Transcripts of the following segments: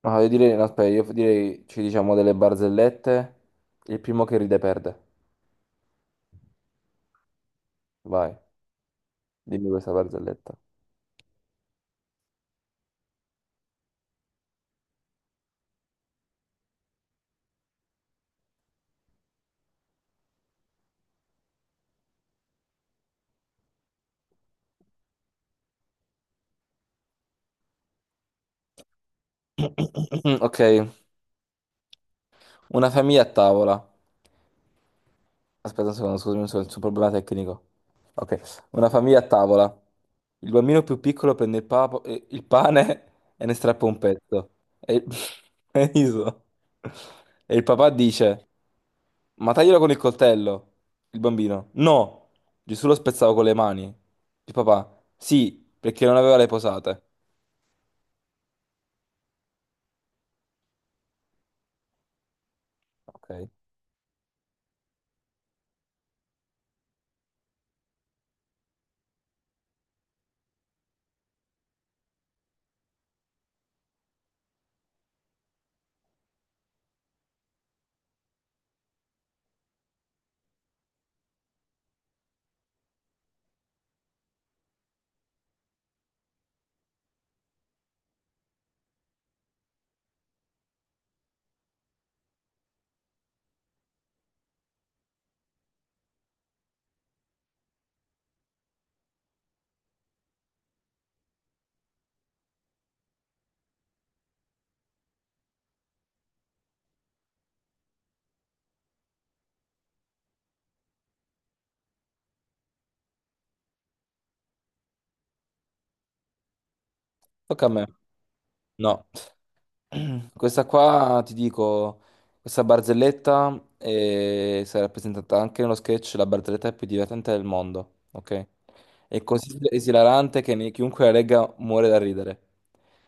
No, io direi, no, aspetta, io direi ci diciamo delle barzellette. Il primo che ride perde. Vai, dimmi questa barzelletta. Ok, una famiglia a tavola. Aspetta un secondo, scusami un secondo, c'è un problema tecnico. Ok, una famiglia a tavola. Il bambino più piccolo prende il, il pane e ne strappa un pezzo. E il... e riso. E il papà dice, ma taglielo con il coltello. Il bambino, no, Gesù lo spezzava con le mani. Il papà, sì, perché non aveva le posate. Ok, tocca a me. No. Questa qua ti dico, questa barzelletta si è rappresentata anche nello sketch, la barzelletta più divertente del mondo, ok? È così esilarante che chiunque la legga muore da ridere.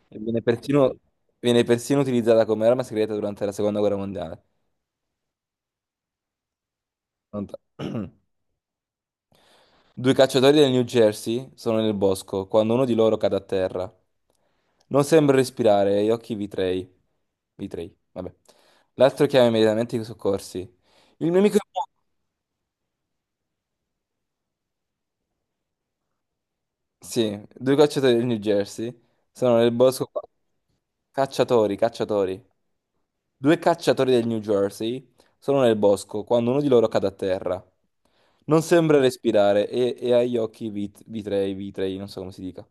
E viene persino utilizzata come arma segreta durante la seconda guerra mondiale. Pronto? Due cacciatori del New Jersey sono nel bosco quando uno di loro cade a terra. Non sembra respirare e gli occhi vitrei. Vitrei, vabbè. L'altro chiama immediatamente i soccorsi. Il mio amico è morto. Sì, due cacciatori del New Jersey sono nel bosco. Cacciatori, cacciatori. Due cacciatori del New Jersey sono nel bosco quando uno di loro cade a terra. Non sembra respirare e ha gli occhi vitrei, vitrei, non so come si dica.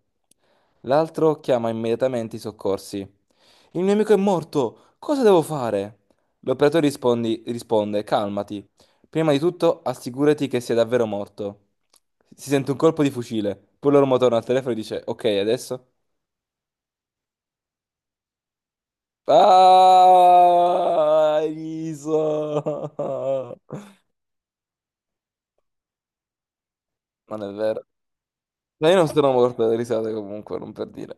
L'altro chiama immediatamente i soccorsi. Il mio amico è morto, cosa devo fare? L'operatore risponde, calmati. Prima di tutto assicurati che sia davvero morto. Si sente un colpo di fucile, poi l'uomo torna al telefono e dice, ok, adesso? Ah, riso. Non è vero. Ma io non sono morto dalle risate comunque, non per dire.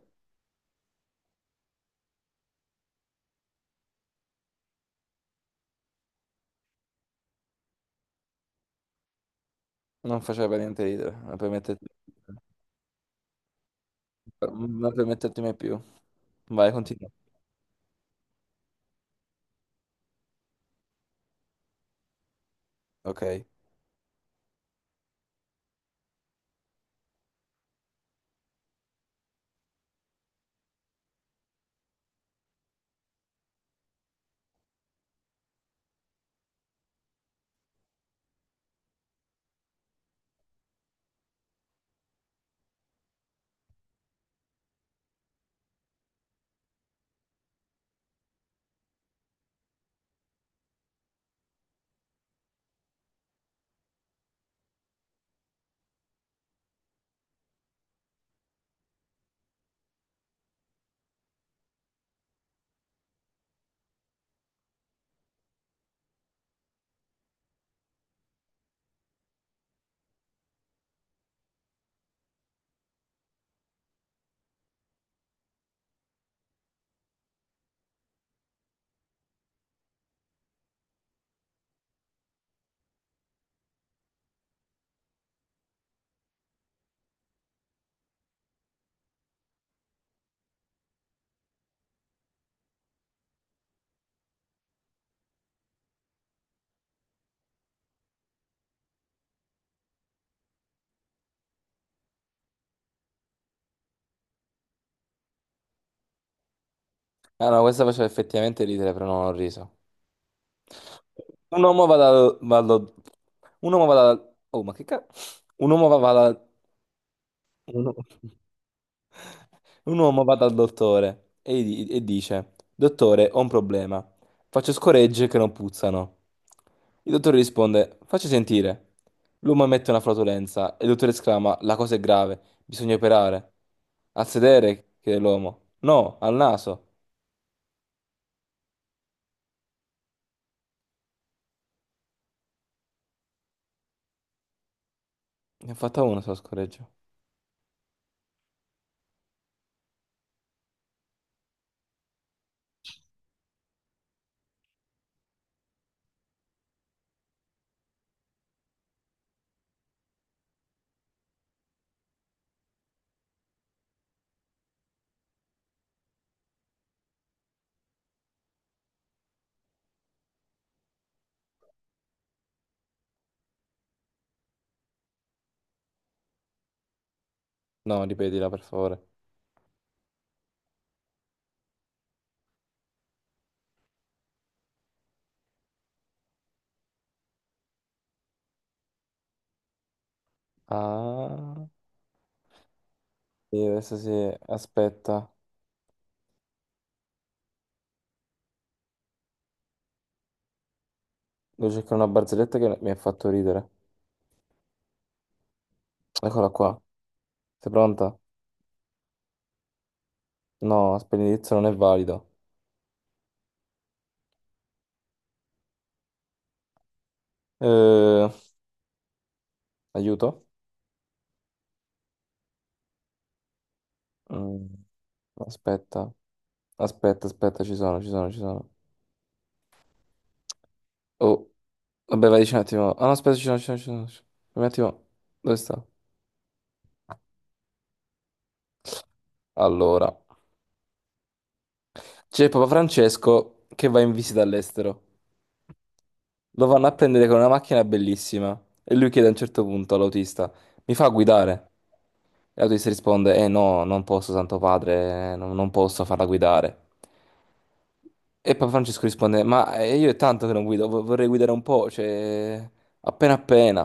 Non faceva per niente ridere, non permettetemi, non permettetemi mai più. Vai, continua. Ok. Ah no, questa faceva effettivamente ridere, però non ho riso. Un uomo va dal... va dal- Un uomo va dal... Oh, ma che cazzo? Un u- un uomo va dal dottore e, e dice: Dottore, ho un problema. Faccio scoregge che non puzzano. Il dottore risponde: Facci sentire. L'uomo emette una flatulenza e il dottore esclama: La cosa è grave, bisogna operare. Al sedere, chiede l'uomo. No, al naso. Ne ho fatta uno solo scoreggio. No, ripetila per favore. Ah, sì, adesso sì, aspetta. Devo cercare una barzelletta che mi ha fatto ridere. Eccola qua. Sei pronta? No, benedizio non è valida. Eh, aiuto. Mm, aspetta, aspetta, ci sono, ci sono. Oh, vabbè, vai, dici un attimo. Ah, no, aspetta, ci sono, ci sono. Un attimo, dove sta? Allora, c'è Papa Francesco che va in visita all'estero. Lo vanno a prendere con una macchina bellissima e lui chiede a un certo punto all'autista, mi fa guidare? E l'autista risponde, eh no, non posso, Santo Padre, non posso farla guidare. E Papa Francesco risponde, ma io è tanto che non guido, vorrei guidare un po', cioè appena appena.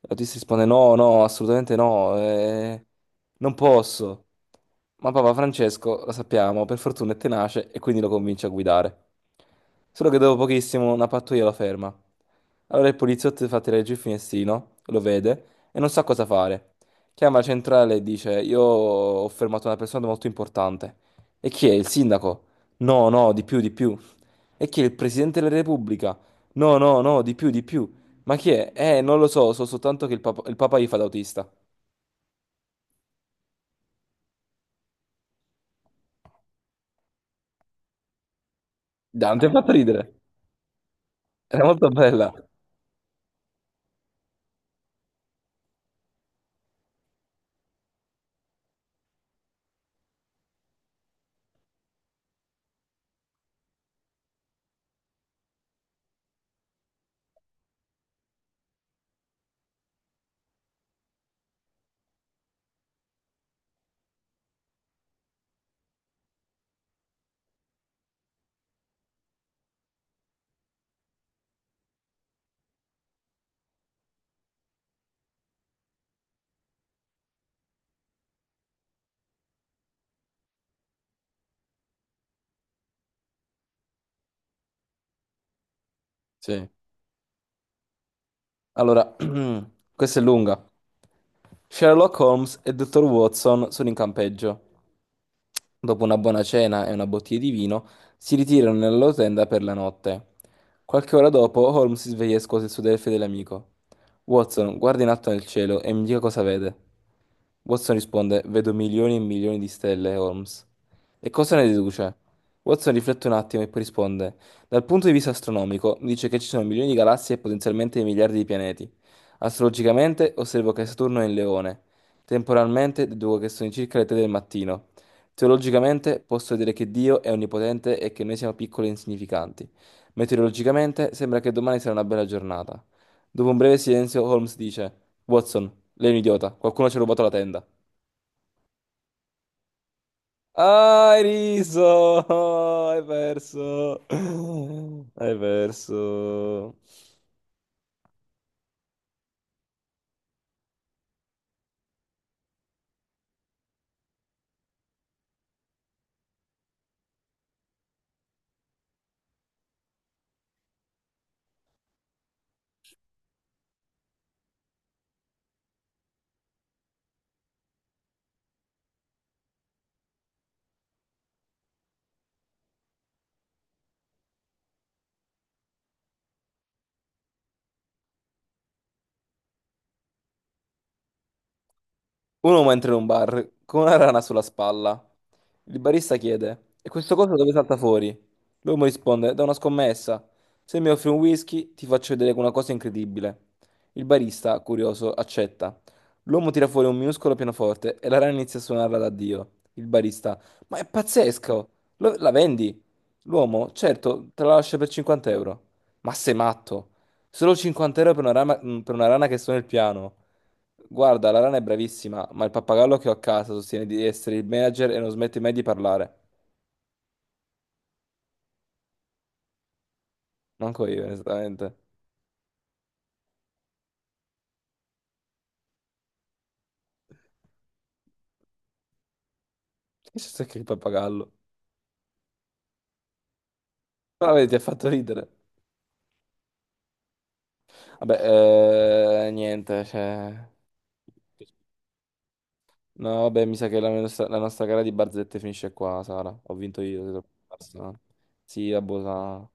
L'autista risponde: No, no, assolutamente no, non posso. Ma Papa Francesco, lo sappiamo, per fortuna è tenace e quindi lo convince a guidare. Solo che dopo pochissimo una pattuglia lo ferma. Allora il poliziotto fa tirare giù il finestrino, lo vede e non sa cosa fare. Chiama la centrale e dice: Io ho fermato una persona molto importante. E chi è? Il sindaco? No, no, di più, di più. E chi è il Presidente della Repubblica? No, no, no, di più, di più. Ma chi è? Non lo so, so soltanto che il Papa gli fa da autista. Dai, non ti ha fatto ridere. Era molto bella. Sì. Allora, questa è lunga. Sherlock Holmes e Dottor Watson sono in campeggio. Dopo una buona cena e una bottiglia di vino, si ritirano nella loro tenda per la notte. Qualche ora dopo, Holmes si sveglia e scuote il suo del fedele amico. Watson, guarda in alto nel cielo e mi dica cosa vede. Watson risponde: Vedo milioni e milioni di stelle, Holmes. E cosa ne deduce? Watson riflette un attimo e poi risponde: dal punto di vista astronomico, dice che ci sono milioni di galassie e potenzialmente miliardi di pianeti. Astrologicamente, osservo che Saturno è in Leone. Temporalmente, deduco che sono circa le 3 del mattino. Teologicamente, posso vedere che Dio è onnipotente e che noi siamo piccoli e insignificanti. Meteorologicamente, sembra che domani sarà una bella giornata. Dopo un breve silenzio, Holmes dice: Watson, lei è un idiota, qualcuno ci ha rubato la tenda. Ah, hai riso! Hai perso! Hai perso! Un uomo entra in un bar con una rana sulla spalla. Il barista chiede: E questo coso dove salta fuori? L'uomo risponde: Da una scommessa. Se mi offri un whisky, ti faccio vedere una cosa incredibile. Il barista, curioso, accetta. L'uomo tira fuori un minuscolo pianoforte e la rana inizia a suonarla da Dio. Il barista: Ma è pazzesco! La vendi? L'uomo: Certo, te la lascio per 50 euro. Ma sei matto! Solo 50 euro per una per una rana che suona il piano. Guarda, la rana è bravissima, ma il pappagallo che ho a casa sostiene di essere il manager e non smette mai di parlare. Manco io, onestamente. Che c'è che il pappagallo? Però vedi, ti ha fatto ridere. Vabbè, niente, cioè... No, vabbè, mi sa che la nostra gara di barzette finisce qua, Sara. Ho vinto io. Se te lo- Sì, vabbè, Sara.